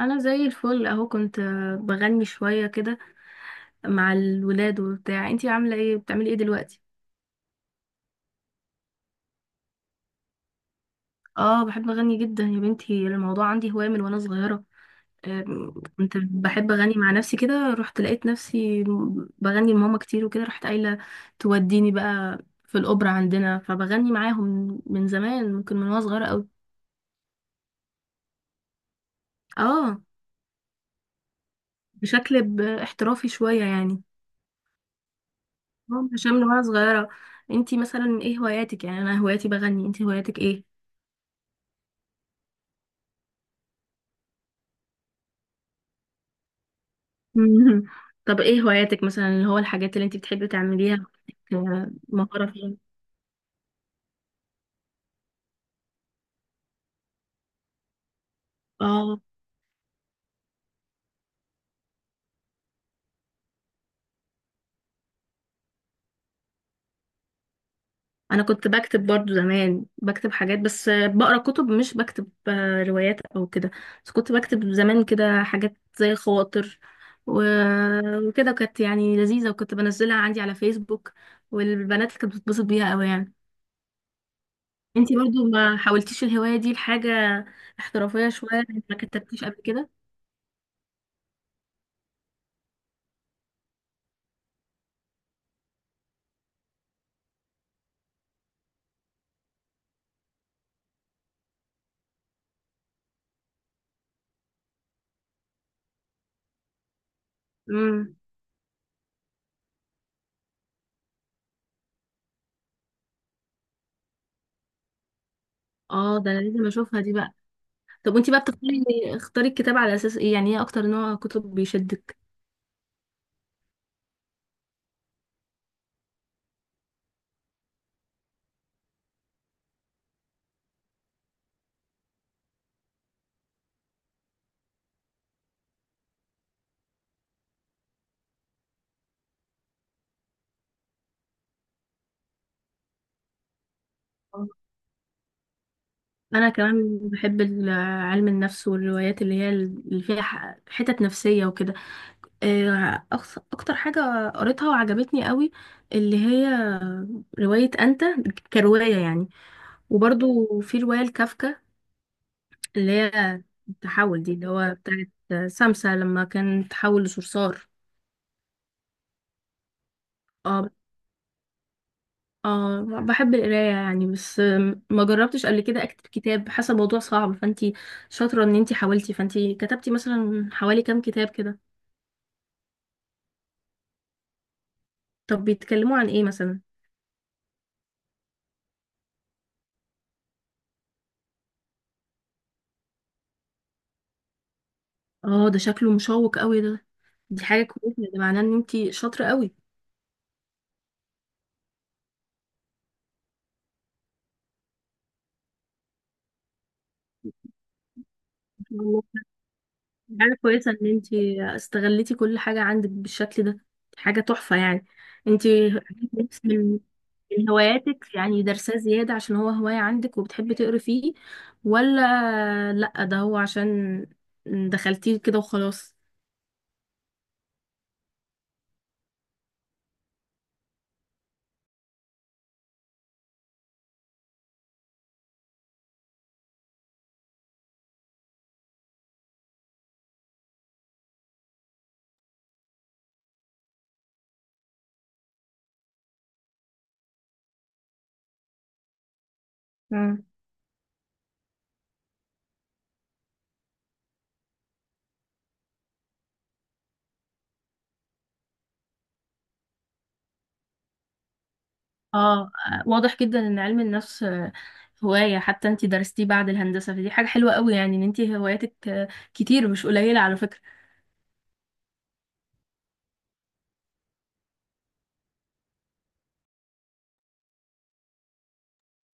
انا زي الفل اهو كنت بغني شوية كده مع الولاد وبتاع. انتي عاملة ايه؟ بتعملي ايه دلوقتي؟ اه، بحب اغني جدا يا بنتي. الموضوع عندي هواية من وانا صغيرة. كنت بحب اغني مع نفسي كده. رحت لقيت نفسي بغني لماما كتير وكده. رحت قايلة توديني بقى في الاوبرا عندنا، فبغني معاهم من زمان، ممكن من وانا صغيرة قوي. اه، بشكل احترافي شوية يعني. عشان من وانا صغيرة. انتي مثلا ايه هواياتك؟ يعني انا هواياتي بغني، انتي هواياتك ايه؟ مهم. طب ايه هواياتك مثلا، اللي هو الحاجات اللي انت بتحبي تعمليها؟ مهارة فيها. اه انا كنت بكتب برضو زمان، بكتب حاجات، بس بقرا كتب مش بكتب روايات او كده. بس كنت بكتب زمان كده حاجات زي خواطر وكده، كانت يعني لذيذة، وكنت بنزلها عندي على فيسبوك. والبنات كانت بتتبسط بيها قوي يعني. انتي برضو ما حاولتيش الهواية دي لحاجة احترافية شوية؟ ما كتبتيش قبل كده؟ امم، اه ده انا لازم اشوفها دي بقى. طب وانتي بقى بتختاري اختاري الكتاب على اساس ايه يعني؟ ايه اكتر نوع كتب بيشدك؟ انا كمان بحب علم النفس والروايات، اللي هي اللي فيها حتت نفسية وكده. اكتر حاجة قريتها وعجبتني قوي اللي هي رواية انت، كرواية يعني. وبرضو في رواية لكافكا اللي هي التحول، دي اللي هو بتاعت سمسة لما كان تحول لصرصار. اه، اه بحب القراية يعني، بس ما جربتش قبل كده اكتب كتاب. حاسة الموضوع صعب. فانتي شاطرة ان انتي حاولتي. فانتي كتبتي مثلا حوالي كام كتاب كده؟ طب بيتكلموا عن ايه مثلا؟ اه ده شكله مشوق قوي ده. دي حاجة كويسة، ده معناه ان انتي شاطرة قوي. والله. حاجة كويسة ان انتي استغلتي كل حاجة عندك بالشكل ده. دي حاجة تحفة يعني. انتي من هواياتك يعني درساه زيادة، عشان هو هواية عندك وبتحبي تقري فيه، ولا لأ ده هو عشان دخلتيه كده وخلاص؟ مم. اه، واضح جدا ان علم النفس هواية، حتى انتي درستيه بعد الهندسة. فدي حاجة حلوة قوي يعني، ان انتي هواياتك كتير مش قليلة على فكرة.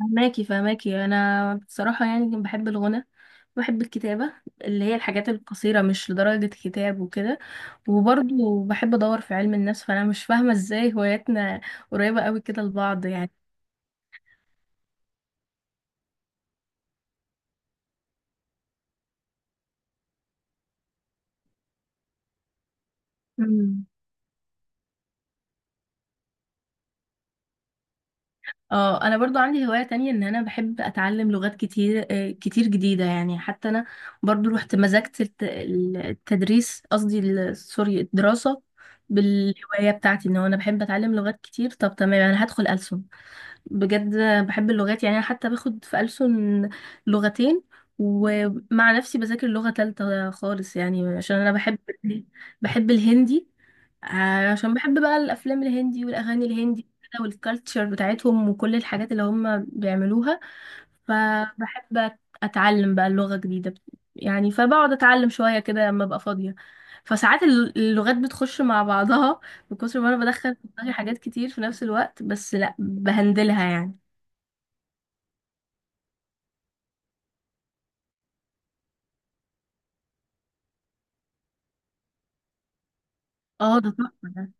فهماكي فهماكي. انا بصراحه يعني بحب الغنى، بحب الكتابه اللي هي الحاجات القصيره، مش لدرجه كتاب وكده. وبرضه بحب ادور في علم النفس. فانا مش فاهمه ازاي هواياتنا قريبه قوي كده لبعض يعني. مم. اه انا برضو عندي هواية تانية، ان انا بحب اتعلم لغات كتير، كتير جديدة يعني. حتى انا برضو رحت مزجت التدريس، قصدي سوري الدراسة، بالهواية بتاعتي، ان هو انا بحب اتعلم لغات كتير. طب تمام، انا هدخل ألسن بجد. بحب اللغات يعني. انا حتى باخد في ألسن لغتين، ومع نفسي بذاكر لغة تالتة خالص يعني، عشان انا بحب. بحب الهندي، عشان بحب بقى الافلام الهندي والاغاني الهندي كده، والكالتشر بتاعتهم وكل الحاجات اللي هم بيعملوها. فبحب أت- اتعلم بقى اللغة جديدة يعني. فبقعد اتعلم شوية كده لما ابقى فاضية. فساعات اللغات بتخش مع بعضها، بكثر ما انا بدخل في دماغي حاجات كتير في نفس الوقت، بس لا بهندلها يعني. اه ده تحفة ده.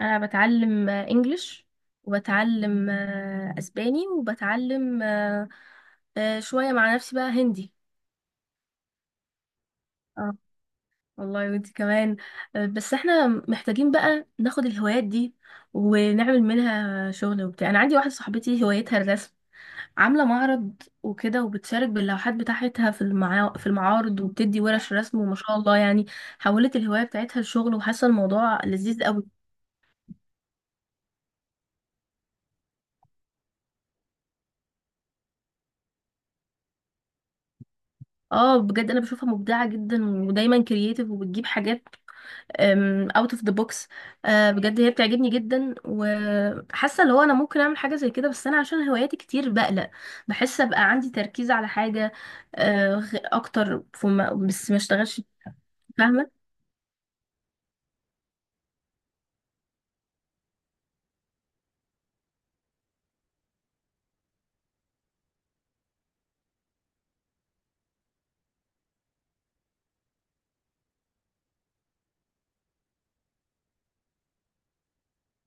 انا بتعلم انجليش، وبتعلم اسباني، وبتعلم شوية مع نفسي بقى هندي. اه والله وانتي كمان. بس احنا محتاجين بقى ناخد الهوايات دي ونعمل منها شغل وبتاع. انا عندي واحدة صاحبتي هوايتها الرسم، عاملة معرض وكده، وبتشارك باللوحات بتاعتها في المعا... في المعارض، وبتدي ورش رسم، وما شاء الله يعني. حولت الهواية بتاعتها لشغل، وحاسة الموضوع لذيذ قوي. اه بجد انا بشوفها مبدعه جدا ودايما كرييتيف، وبتجيب حاجات اوت اوف ذا بوكس. بجد هي بتعجبني جدا، وحاسه اللي هو انا ممكن اعمل حاجه زي كده، بس انا عشان هواياتي كتير بقلق، بحس ابقى عندي تركيز على حاجه اكتر فما، بس ما اشتغلش. فاهمه.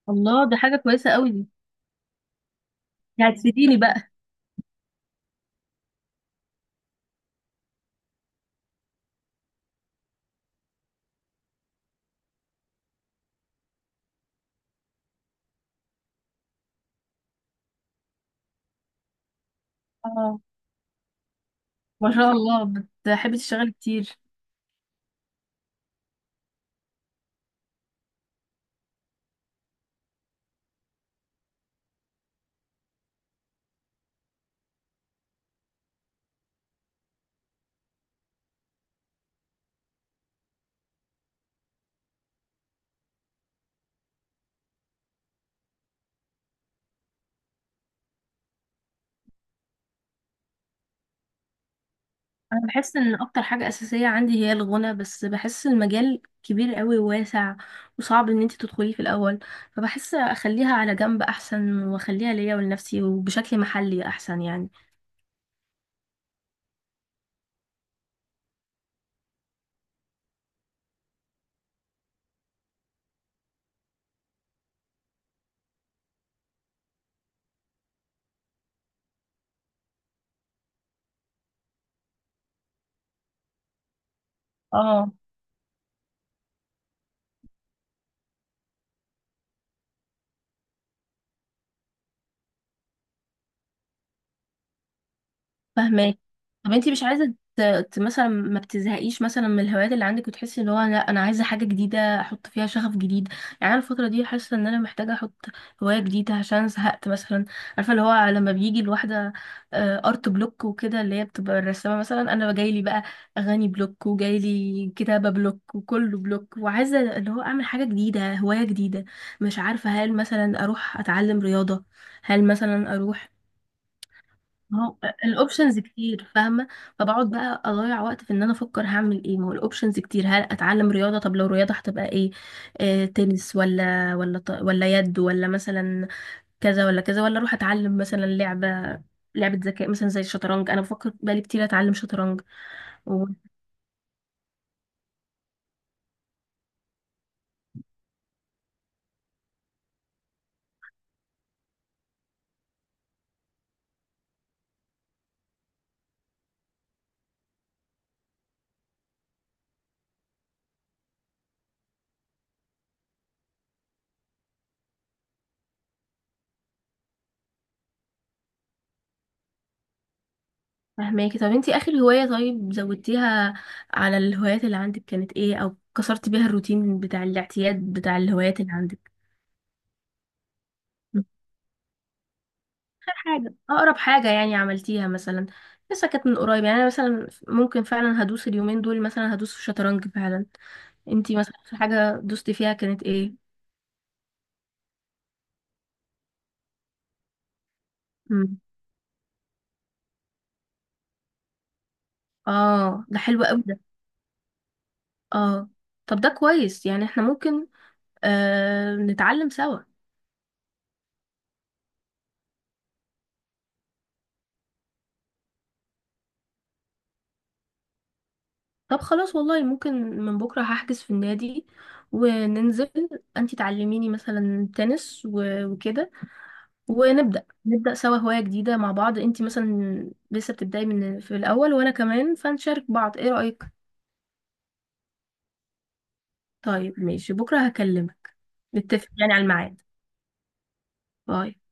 الله، ده حاجه كويسه قوي دي، دي هتفيديني بقى. اه ما شاء الله، بتحبي تشتغلي كتير. انا بحس ان اكتر حاجة اساسية عندي هي الغنى، بس بحس المجال كبير قوي وواسع، وصعب ان انت تدخليه في الاول. فبحس اخليها على جنب احسن، واخليها ليا ولنفسي وبشكل محلي احسن يعني. اه فاهمك. طب انتي مش عايزة مثلا ما بتزهقيش مثلا من الهوايات اللي عندك، وتحسي ان هو لا انا عايزة حاجة جديدة احط فيها شغف جديد؟ يعني انا الفترة دي حاسة ان انا محتاجة احط هواية جديدة عشان زهقت مثلا. عارفة اللي هو لما بيجي الواحدة ارت بلوك وكده، اللي هي بتبقى الرسامة مثلا. انا جايلي بقى اغاني بلوك، وجايلي كتابة بلوك، وكله بلوك، وعايزة اللي هو اعمل حاجة جديدة، هواية جديدة. مش عارفة هل مثلا اروح اتعلم رياضة، هل مثلا اروح. ما هو الاوبشنز كتير، فاهمه. فبقعد بقى اضيع وقت في ان انا افكر هعمل ايه. ما هو الاوبشنز كتير. هل اتعلم رياضه؟ طب لو رياضه هتبقى ايه، آه تنس ولا ولا ولا يد، ولا مثلا كذا ولا كذا، ولا اروح اتعلم مثلا لعبه، لعبه ذكاء مثلا زي الشطرنج؟ انا بفكر بقالي كتير اتعلم شطرنج. وفهماكي. طب انتي اخر هوايه طيب زودتيها على الهوايات اللي عندك كانت ايه، او كسرت بيها الروتين بتاع الاعتياد بتاع الهوايات اللي عندك؟ اخر حاجة، أقرب حاجة يعني عملتيها مثلا، لسه كانت من قريب يعني. أنا مثلا ممكن فعلا هدوس اليومين دول، مثلا هدوس في شطرنج فعلا. انتي مثلا في حاجة دوستي فيها كانت ايه؟ مم. اه ده حلو قوي ده. اه، طب ده كويس يعني، احنا ممكن نتعلم سوا. طب خلاص والله، ممكن من بكرة هحجز في النادي وننزل، انتي تعلميني مثلا تنس وكده، ونبدأ نبدأ سوا هواية جديدة مع بعض. انتي مثلا لسه بتبدأي من في الأول، وأنا كمان، فنشارك بعض. ايه رأيك؟ طيب ماشي، بكرة هكلمك، نتفق يعني على الميعاد. باي.